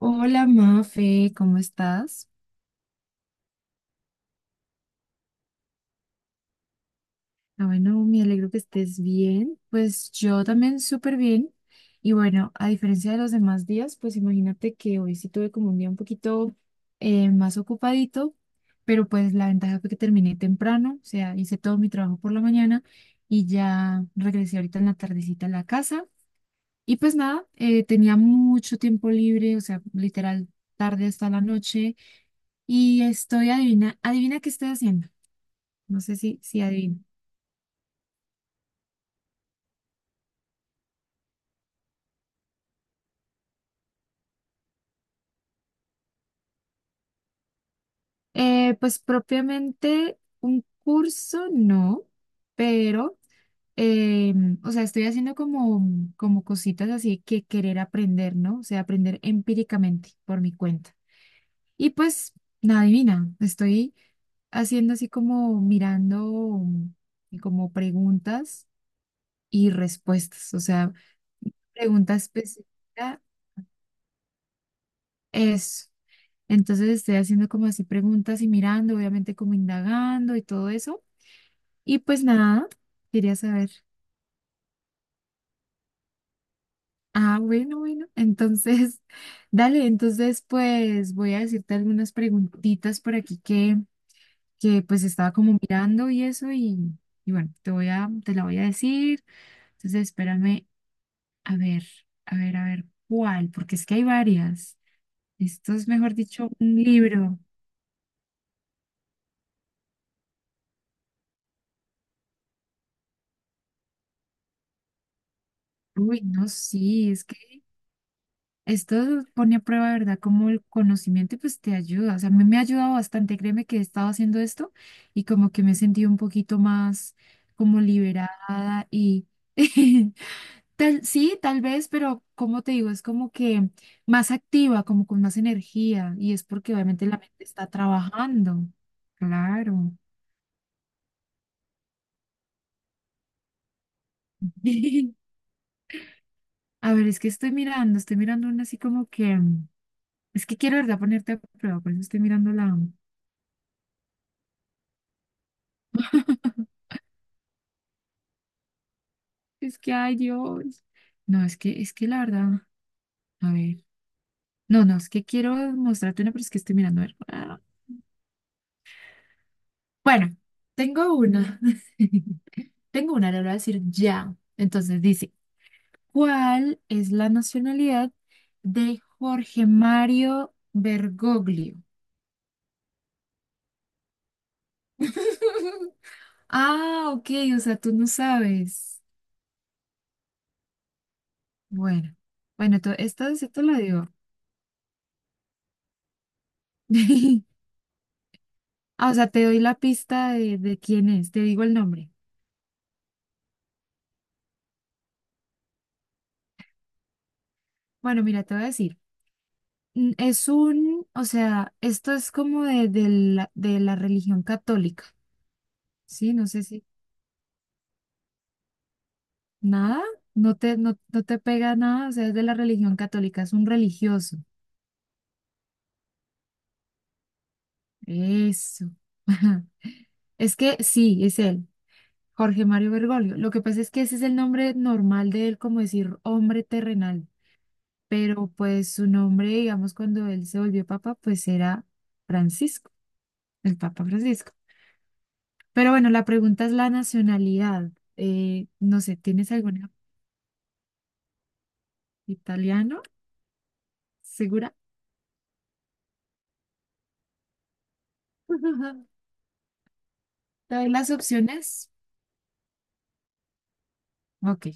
Hola Mafe, ¿cómo estás? Ah, bueno, me alegro que estés bien. Pues yo también súper bien. Y bueno, a diferencia de los demás días, pues imagínate que hoy sí tuve como un día un poquito más ocupadito, pero pues la ventaja fue que terminé temprano, o sea, hice todo mi trabajo por la mañana y ya regresé ahorita en la tardecita a la casa. Y pues nada, tenía mucho tiempo libre, o sea, literal tarde hasta la noche. Y estoy, adivina, adivina qué estoy haciendo. No sé si adivino. Pues propiamente un curso no, pero, eh, o sea, estoy haciendo como, como cositas así que querer aprender, ¿no? O sea, aprender empíricamente por mi cuenta. Y pues, nada divina estoy haciendo así como mirando como preguntas y respuestas, o sea, pregunta específica, eso. Entonces estoy haciendo como así preguntas y mirando, obviamente como indagando y todo eso. Y pues nada, quería saber. Ah, bueno, bueno. Entonces, dale, entonces pues voy a decirte algunas preguntitas por aquí que pues estaba como mirando y eso y bueno, te la voy a decir. Entonces, espérame, a ver, a ver, ¿cuál? Porque es que hay varias. Esto es, mejor dicho, un libro. Uy, no, sí, es. Esto pone a prueba, ¿de verdad? Como el conocimiento y pues te ayuda. O sea, a mí me ha ayudado bastante. Créeme que he estado haciendo esto y como que me he sentido un poquito más como liberada y tal, sí, tal vez, pero como te digo, es como que más activa, como con más energía y es porque obviamente la mente está trabajando. Claro. A ver, es que estoy mirando una así como que, es que quiero, ¿de verdad? Ponerte a prueba, por eso estoy mirando la. Es que, ay Dios. No, es que la verdad, a ver. No, no, es que quiero mostrarte una, pero es que estoy mirando a ver. Ah. Bueno, tengo una. Tengo una, le voy a decir ya. Entonces dice, ¿cuál es la nacionalidad de Jorge Mario Bergoglio? Ah, ok, o sea, tú no sabes. Bueno, bueno, esta sí te la digo. Ah, o sea, te doy la pista de quién es, te digo el nombre. Bueno, mira, te voy a decir, es un, o sea, esto es como de, de la religión católica, ¿sí? No sé si, nada, no, no te pega nada, o sea, es de la religión católica, es un religioso. Eso. Es que sí, es él, Jorge Mario Bergoglio. Lo que pasa es que ese es el nombre normal de él, como decir hombre terrenal, pero pues su nombre, digamos, cuando él se volvió papa, pues era Francisco, el Papa Francisco. Pero bueno, la pregunta es la nacionalidad. No sé, ¿tienes alguna italiano? ¿Segura? ¿Te doy las opciones? Ok.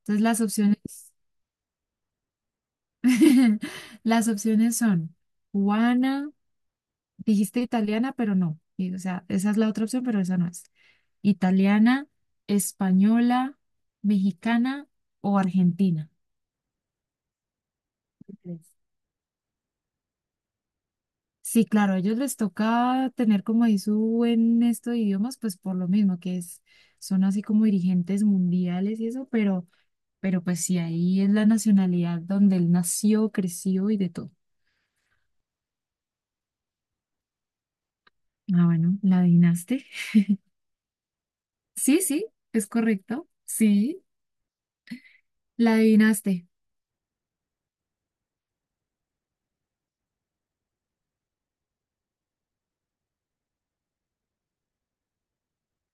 Entonces las opciones, las opciones son cubana, dijiste italiana, pero no. Y, o sea, esa es la otra opción, pero esa no es. Italiana, española, mexicana o argentina. ¿Qué? Sí, claro, a ellos les toca tener como ahí su buen esto de idiomas, pues por lo mismo que es, son así como dirigentes mundiales y eso, pero pues sí, ahí es la nacionalidad donde él nació, creció y de todo. Ah, bueno, ¿la adivinaste? Sí, sí, es correcto. Sí, la adivinaste.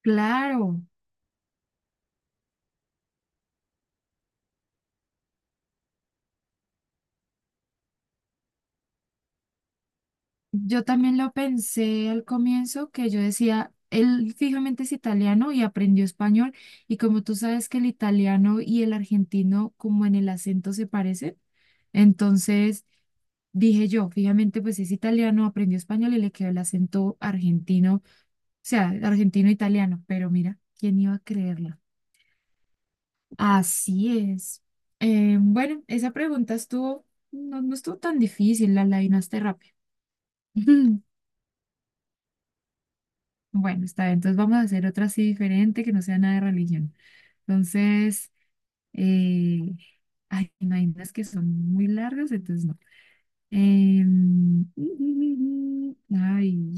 Claro. Yo también lo pensé al comienzo, que yo decía, él fijamente es italiano y aprendió español, y como tú sabes que el italiano y el argentino como en el acento se parecen, entonces dije yo, fijamente pues es italiano, aprendió español y le quedó el acento argentino, o sea, argentino-italiano, pero mira, ¿quién iba a creerlo? Así es. Bueno, esa pregunta estuvo, no, no estuvo tan difícil, la adivinaste rápido. Bueno, está bien. Entonces vamos a hacer otra así diferente que no sea nada de religión. Entonces, eh, ay, no hay unas que son muy largas, entonces no. Em, ay,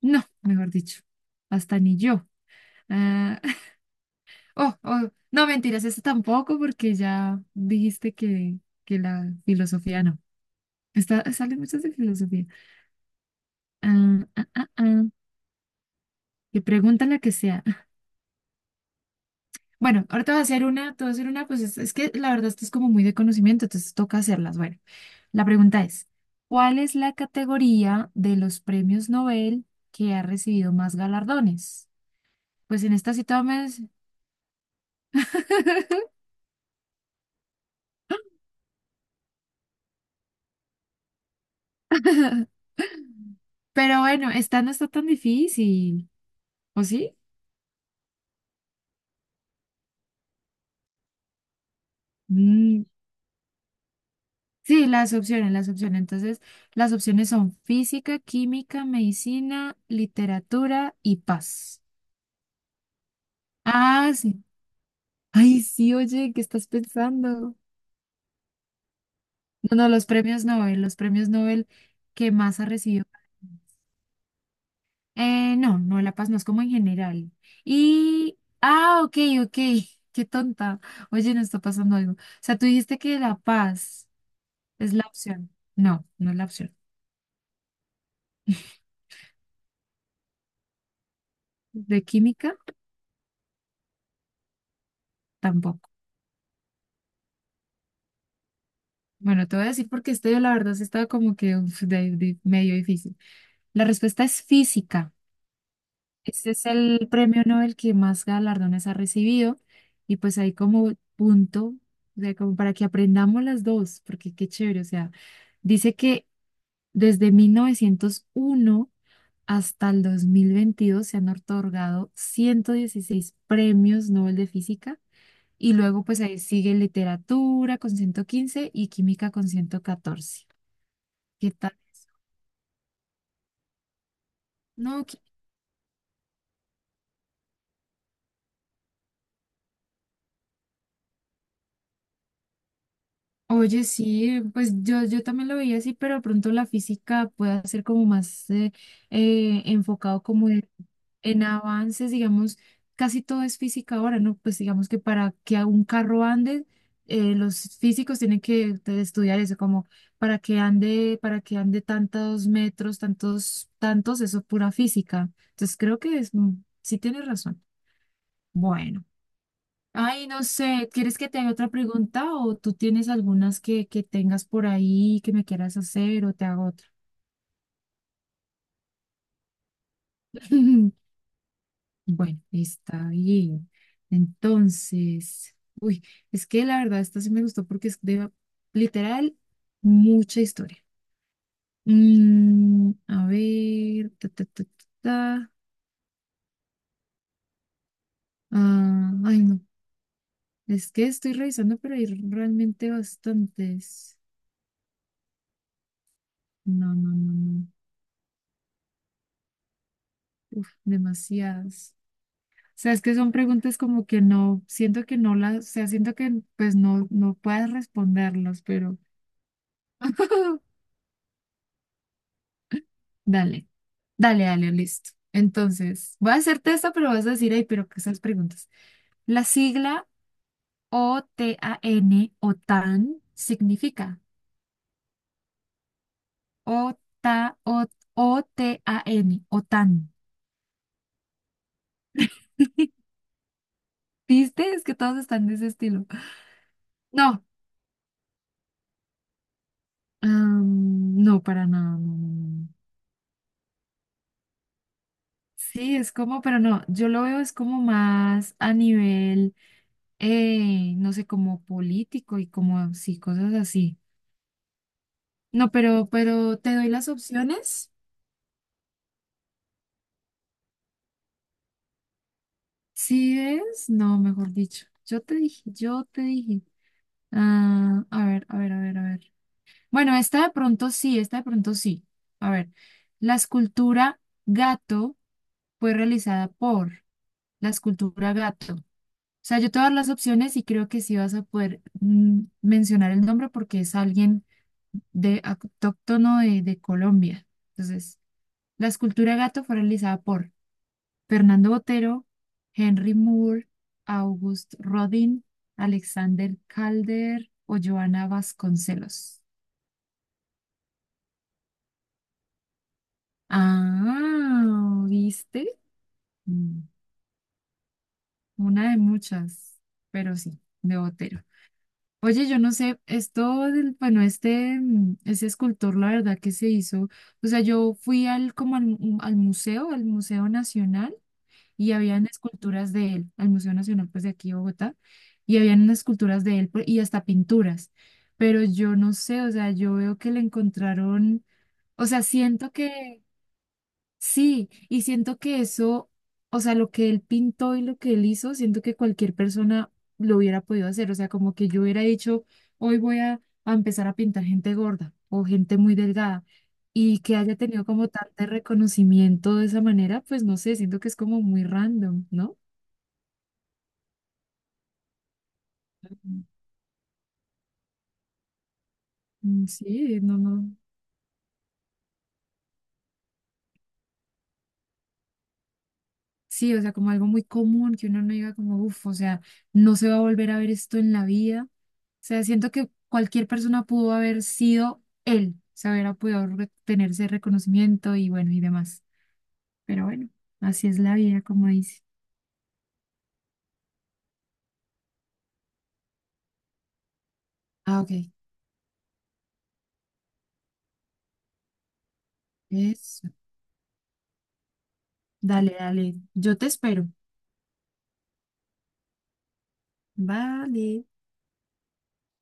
no, mejor dicho, hasta ni yo. Ah, oh, oh, no, mentiras, esta tampoco porque ya dijiste que la filosofía no. Está, salen muchas de filosofía. Ah, ah, ah, ah. Que pregunta la que sea. Bueno, ahorita voy a hacer una, te voy a hacer una, pues es que la verdad esto es como muy de conocimiento, entonces toca hacerlas. Bueno, la pregunta es, ¿cuál es la categoría de los premios Nobel que ha recibido más galardones? Pues en esta sí tomes, pero bueno, esta no está tan difícil, ¿o sí? Mm, sí, las opciones, las opciones. Entonces, las opciones son física, química, medicina, literatura y paz. Ah, sí. Ay, sí, oye, ¿qué estás pensando? No, no, los premios Nobel que más ha recibido. No, no, La Paz no es como en general. Y, ah, ok, ok, qué tonta. Oye, no está pasando algo. O sea, tú dijiste que La Paz es la opción. No, no es la opción. De química, tampoco. Bueno, te voy a decir porque este, la verdad, sí estaba como que uf, medio difícil. La respuesta es física. Este es el premio Nobel que más galardones ha recibido y pues ahí como punto, o sea, como para que aprendamos las dos, porque qué chévere, o sea, dice que desde 1901 hasta el 2022 se han otorgado 116 premios Nobel de Física y luego pues ahí sigue literatura con 115 y química con 114. ¿Qué tal eso? No. Oye, sí, pues yo también lo veía así, pero de pronto la física puede ser como más enfocado como en avances, digamos, casi todo es física ahora, ¿no? Pues digamos que para que a un carro ande, los físicos tienen que estudiar eso, como para que ande tantos metros, tantos, tantos, eso es pura física. Entonces creo que es, sí tienes razón. Bueno. Ay, no sé, ¿quieres que te haga otra pregunta o tú tienes algunas que tengas por ahí que me quieras hacer o te hago otra? Bueno, está bien. Entonces, uy, es que la verdad esta sí me gustó porque es de literal mucha historia. Mm, a ver, ta, ta, ta, ta, ta. Ah, ay, no, es que estoy revisando, pero hay realmente bastantes. No, no, no, no. Uf, demasiadas. O sea, es que son preguntas como que no, siento que no las, o sea, siento que pues no, no puedas responderlas, pero dale, dale, listo. Entonces, voy a hacerte esta, pero vas a decir, ay, pero qué esas preguntas. La sigla OTAN, OTAN, significa OTA, OTAN, OTAN. ¿Viste? Es que todos están de ese estilo. No, ah, no, para nada, no, no, no. No. Sí, es como, pero no, yo lo veo es como más a nivel, no sé, como político y como, sí, cosas así. No, pero te doy las opciones. Sí es, no, mejor dicho. Yo te dije. Ah, a ver, a ver, a ver, a ver. Bueno, esta de pronto sí, esta de pronto sí. A ver, la escultura gato fue realizada por la escultura gato. Sea, yo te voy a dar las opciones y creo que sí vas a poder mencionar el nombre porque es alguien de autóctono de Colombia. Entonces, la escultura gato fue realizada por Fernando Botero, Henry Moore, August Rodin, Alexander Calder o Joana Vasconcelos. Ah, ¿viste? Mm, Una de muchas, pero sí, de Botero. Oye, yo no sé, esto del, bueno, este, mm, ese escultor, la verdad que se hizo, o sea, yo fui al, como al, al Museo Nacional, y habían esculturas de él, al Museo Nacional, pues de aquí de Bogotá, y habían unas esculturas de él pues, y hasta pinturas, pero yo no sé, o sea, yo veo que le encontraron, o sea, siento que. Sí, y siento que eso, o sea, lo que él pintó y lo que él hizo, siento que cualquier persona lo hubiera podido hacer. O sea, como que yo hubiera dicho, hoy voy a empezar a pintar gente gorda o gente muy delgada y que haya tenido como tanto reconocimiento de esa manera, pues no sé, siento que es como muy random, ¿no? Ujú. Mm, sí, no, no. Sí, o sea, como algo muy común que uno no diga como, uff, o sea, no se va a volver a ver esto en la vida sea, siento que cualquier persona pudo haber sido él, se hubiera podido tener ese reconocimiento y bueno, y demás. Pero bueno, así es la vida, como dice. Ah, ok. Eso. Dale, dale. Yo te espero. Vale.